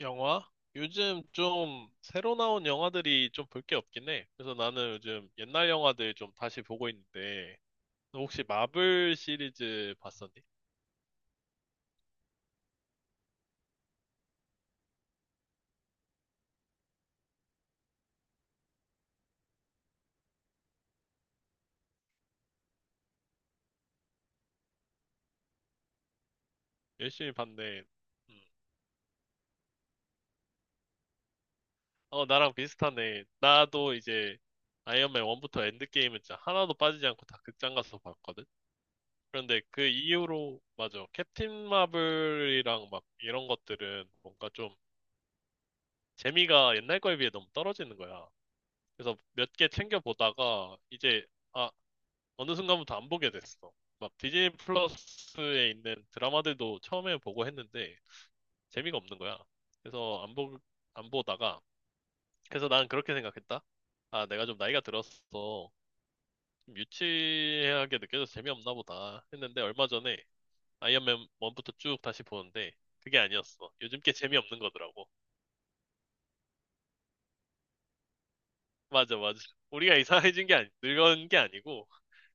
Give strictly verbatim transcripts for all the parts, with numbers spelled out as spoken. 영화? 요즘 좀 새로 나온 영화들이 좀 볼 게 없긴 해. 그래서 나는 요즘 옛날 영화들 좀 다시 보고 있는데, 너 혹시 마블 시리즈 봤었니? 열심히 봤네. 음. 어, 나랑 비슷하네. 나도 이제 아이언맨 일부터 엔드게임은 진짜 하나도 빠지지 않고 다 극장 가서 봤거든? 그런데 그 이후로, 맞아. 캡틴 마블이랑 막 이런 것들은 뭔가 좀 재미가 옛날 거에 비해 너무 떨어지는 거야. 그래서 몇 개 챙겨보다가 이제 아, 어느 순간부터 안 보게 됐어. 막 디즈니 플러스에 있는 드라마들도 처음에 보고 했는데 재미가 없는 거야. 그래서 안 보, 안 보다가 그래서 난 그렇게 생각했다. 아, 내가 좀 나이가 들었어. 좀 유치하게 느껴져서 재미없나 보다 했는데 얼마 전에 아이언맨 일부터 쭉 다시 보는데 그게 아니었어. 요즘 게 재미없는 거더라고. 맞아, 맞아. 우리가 이상해진 게 아니, 늙은 게 아니고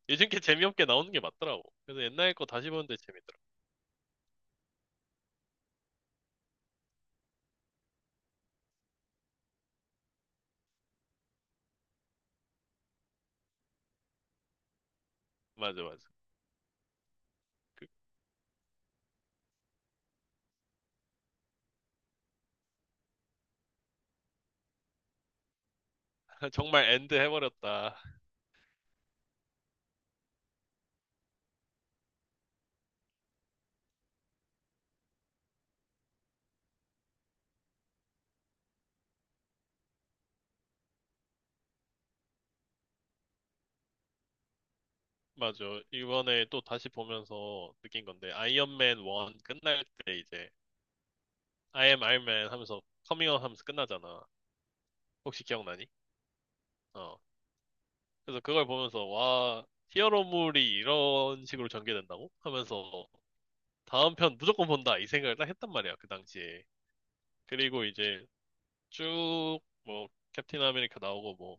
요즘 게 재미없게 나오는 게 맞더라고. 그래서 옛날 거 다시 보는데 재밌더라고. 맞아, 맞아. 정말 엔드 해버렸다. 맞아. 이번에 또 다시 보면서 느낀 건데, 아이언맨 일 끝날 때 이제, I am Iron Man 하면서, 커밍아웃 하면서 끝나잖아. 혹시 기억나니? 어. 그래서 그걸 보면서, 와, 히어로물이 이런 식으로 전개된다고? 하면서, 다음 편 무조건 본다. 이 생각을 딱 했단 말이야, 그 당시에. 그리고 이제, 쭉, 뭐, 캡틴 아메리카 나오고, 뭐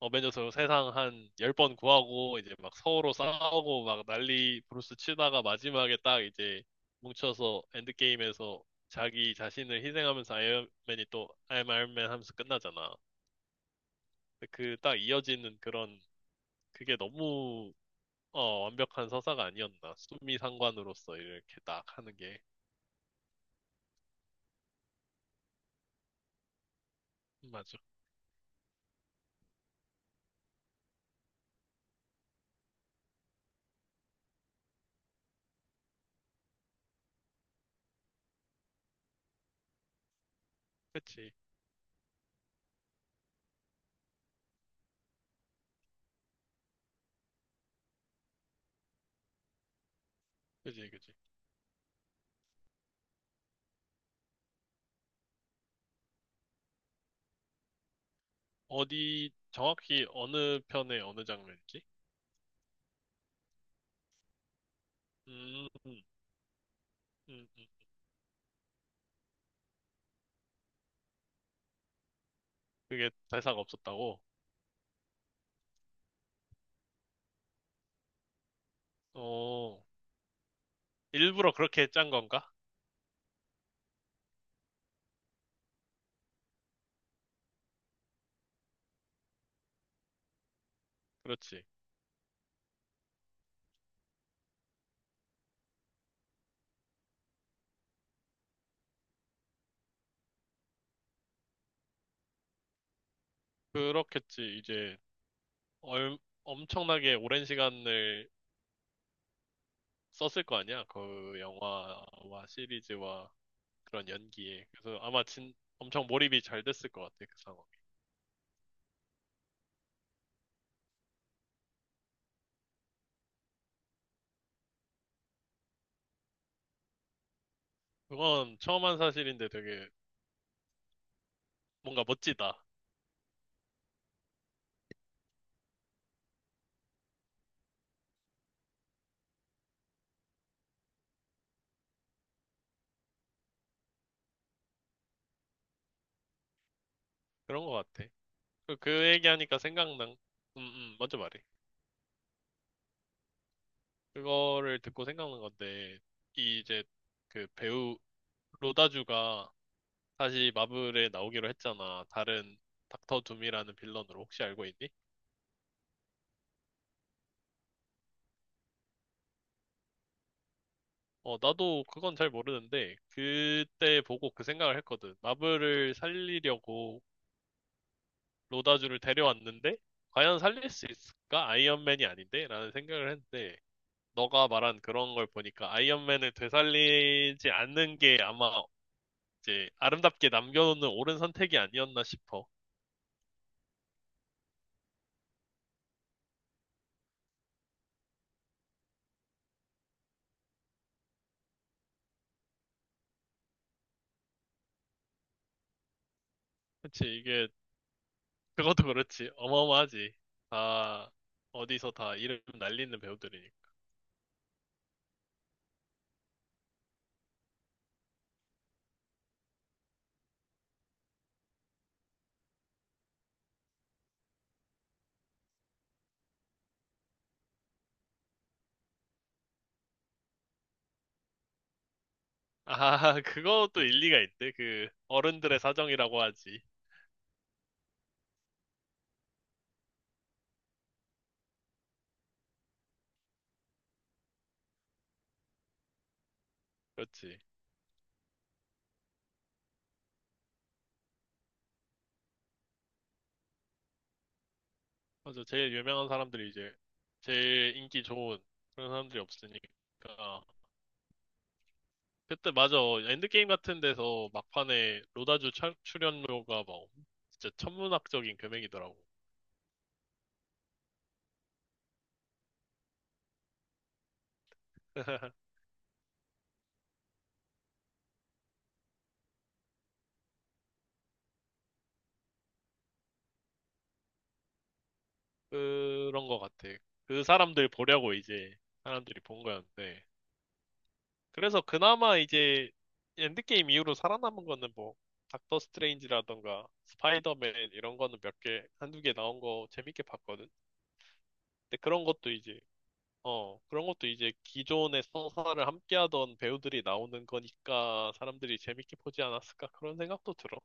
어벤져스 세상 한 열 번 구하고 이제 막 서로 싸우고 막 난리 브루스 치다가 마지막에 딱 이제 뭉쳐서 엔드게임에서 자기 자신을 희생하면서 아이언맨이 또 I'm Iron Man 하면서 끝나잖아. 그 딱 이어지는 그런 그게 너무 어, 완벽한 서사가 아니었나. 수미 상관으로서 이렇게 딱 하는 게 맞아. 그치. 그치, 그치. 어디 정확히 어느 편의 어느 장면이지? 음, 음, 음. 음. 그게 대사가 없었다고? 어, 일부러 그렇게 짠 건가? 그렇지. 그렇겠지. 이제 얼, 엄청나게 오랜 시간을 썼을 거 아니야? 그 영화와 시리즈와 그런 연기에. 그래서 아마 진, 엄청 몰입이 잘 됐을 것 같아, 그 상황이. 그건 처음 한 사실인데 되게 뭔가 멋지다. 그런 것 같아. 그, 그 얘기하니까 생각난, 음, 음, 먼저 말해. 그거를 듣고 생각난 건데, 이 이제 그 배우 로다주가 다시 마블에 나오기로 했잖아. 다른 닥터 둠이라는 빌런으로 혹시 알고 있니? 어, 나도 그건 잘 모르는데 그때 보고 그 생각을 했거든. 마블을 살리려고 로다주를 데려왔는데 과연 살릴 수 있을까? 아이언맨이 아닌데? 라는 생각을 했는데 너가 말한 그런 걸 보니까 아이언맨을 되살리지 않는 게 아마 이제 아름답게 남겨놓는 옳은 선택이 아니었나 싶어. 그치, 이게 그것도 그렇지. 어마어마하지. 아, 어디서 다 이름 날리는 배우들이니까. 아, 그것도 일리가 있대. 그, 어른들의 사정이라고 하지. 그렇지. 맞아. 제일 유명한 사람들이 이제, 제일 인기 좋은 그런 사람들이 없으니까. 그때, 맞아. 엔드게임 같은 데서 막판에 로다주 차- 출연료가 막, 진짜 천문학적인 금액이더라고. 그런 거 같아. 그 사람들 보려고 이제, 사람들이 본 거였는데. 그래서 그나마 이제 엔드게임 이후로 살아남은 거는 뭐 닥터 스트레인지라던가 스파이더맨 이런 거는 몇 개, 한 두 개 나온 거 재밌게 봤거든. 근데 그런 것도 이제 어, 그런 것도 이제 기존의 서사를 함께하던 배우들이 나오는 거니까 사람들이 재밌게 보지 않았을까 그런 생각도 들어.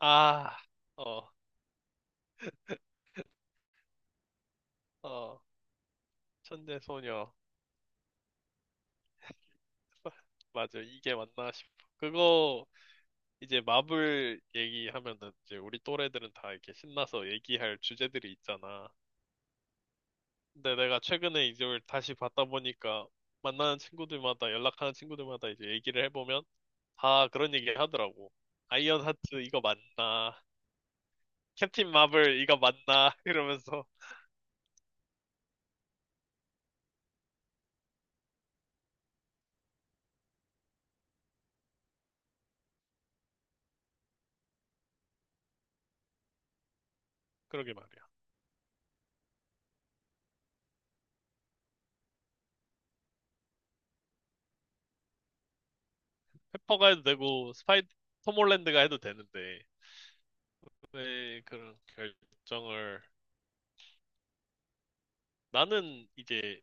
아, 어, 어, 천재 소녀. 맞아, 이게 맞나 싶어. 그거 이제 마블 얘기하면은 이제 우리 또래들은 다 이렇게 신나서 얘기할 주제들이 있잖아. 근데 내가 최근에 이걸 다시 봤다 보니까 만나는 친구들마다 연락하는 친구들마다 이제 얘기를 해보면 다 그런 얘기 하더라고. 아이언 하트 이거 맞나? 캡틴 마블 이거 맞나? 이러면서 그러게 말이야. 페퍼가 해도 되고 스파이 톰 홀랜드가 해도 되는데 왜 그런 결정을 나는 이제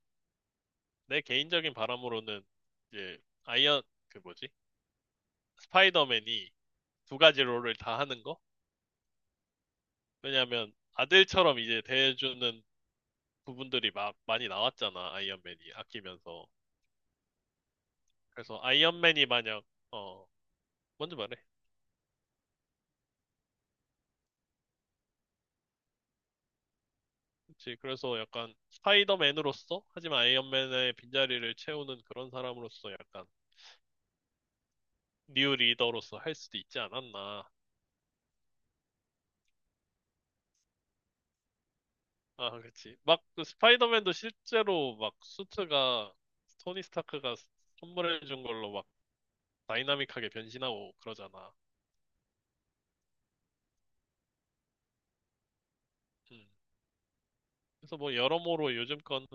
내 개인적인 바람으로는 이제 아이언 그 뭐지? 스파이더맨이 두 가지 롤을 다 하는 거? 왜냐면 아들처럼 이제 대해주는 부분들이 막 많이 나왔잖아, 아이언맨이 아끼면서. 그래서 아이언맨이 만약, 어, 뭔지 말해. 그치. 그래서 약간 스파이더맨으로서, 하지만 아이언맨의 빈자리를 채우는 그런 사람으로서 약간 뉴 리더로서 할 수도 있지 않았나. 아, 그치. 막그 스파이더맨도 실제로 막 수트가 토니 스타크가 선물해준 걸로 막 다이나믹하게 변신하고 그러잖아. 음. 그래서 뭐 여러모로 요즘 거는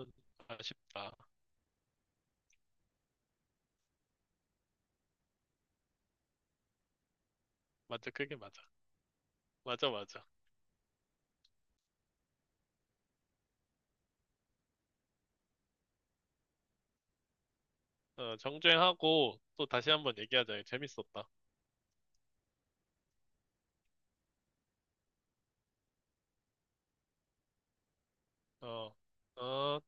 아쉽다. 맞아, 그게 맞아. 맞아, 맞아. 어, 정주행하고 또 다시 한번 얘기하자. 재밌었다. 어, 어.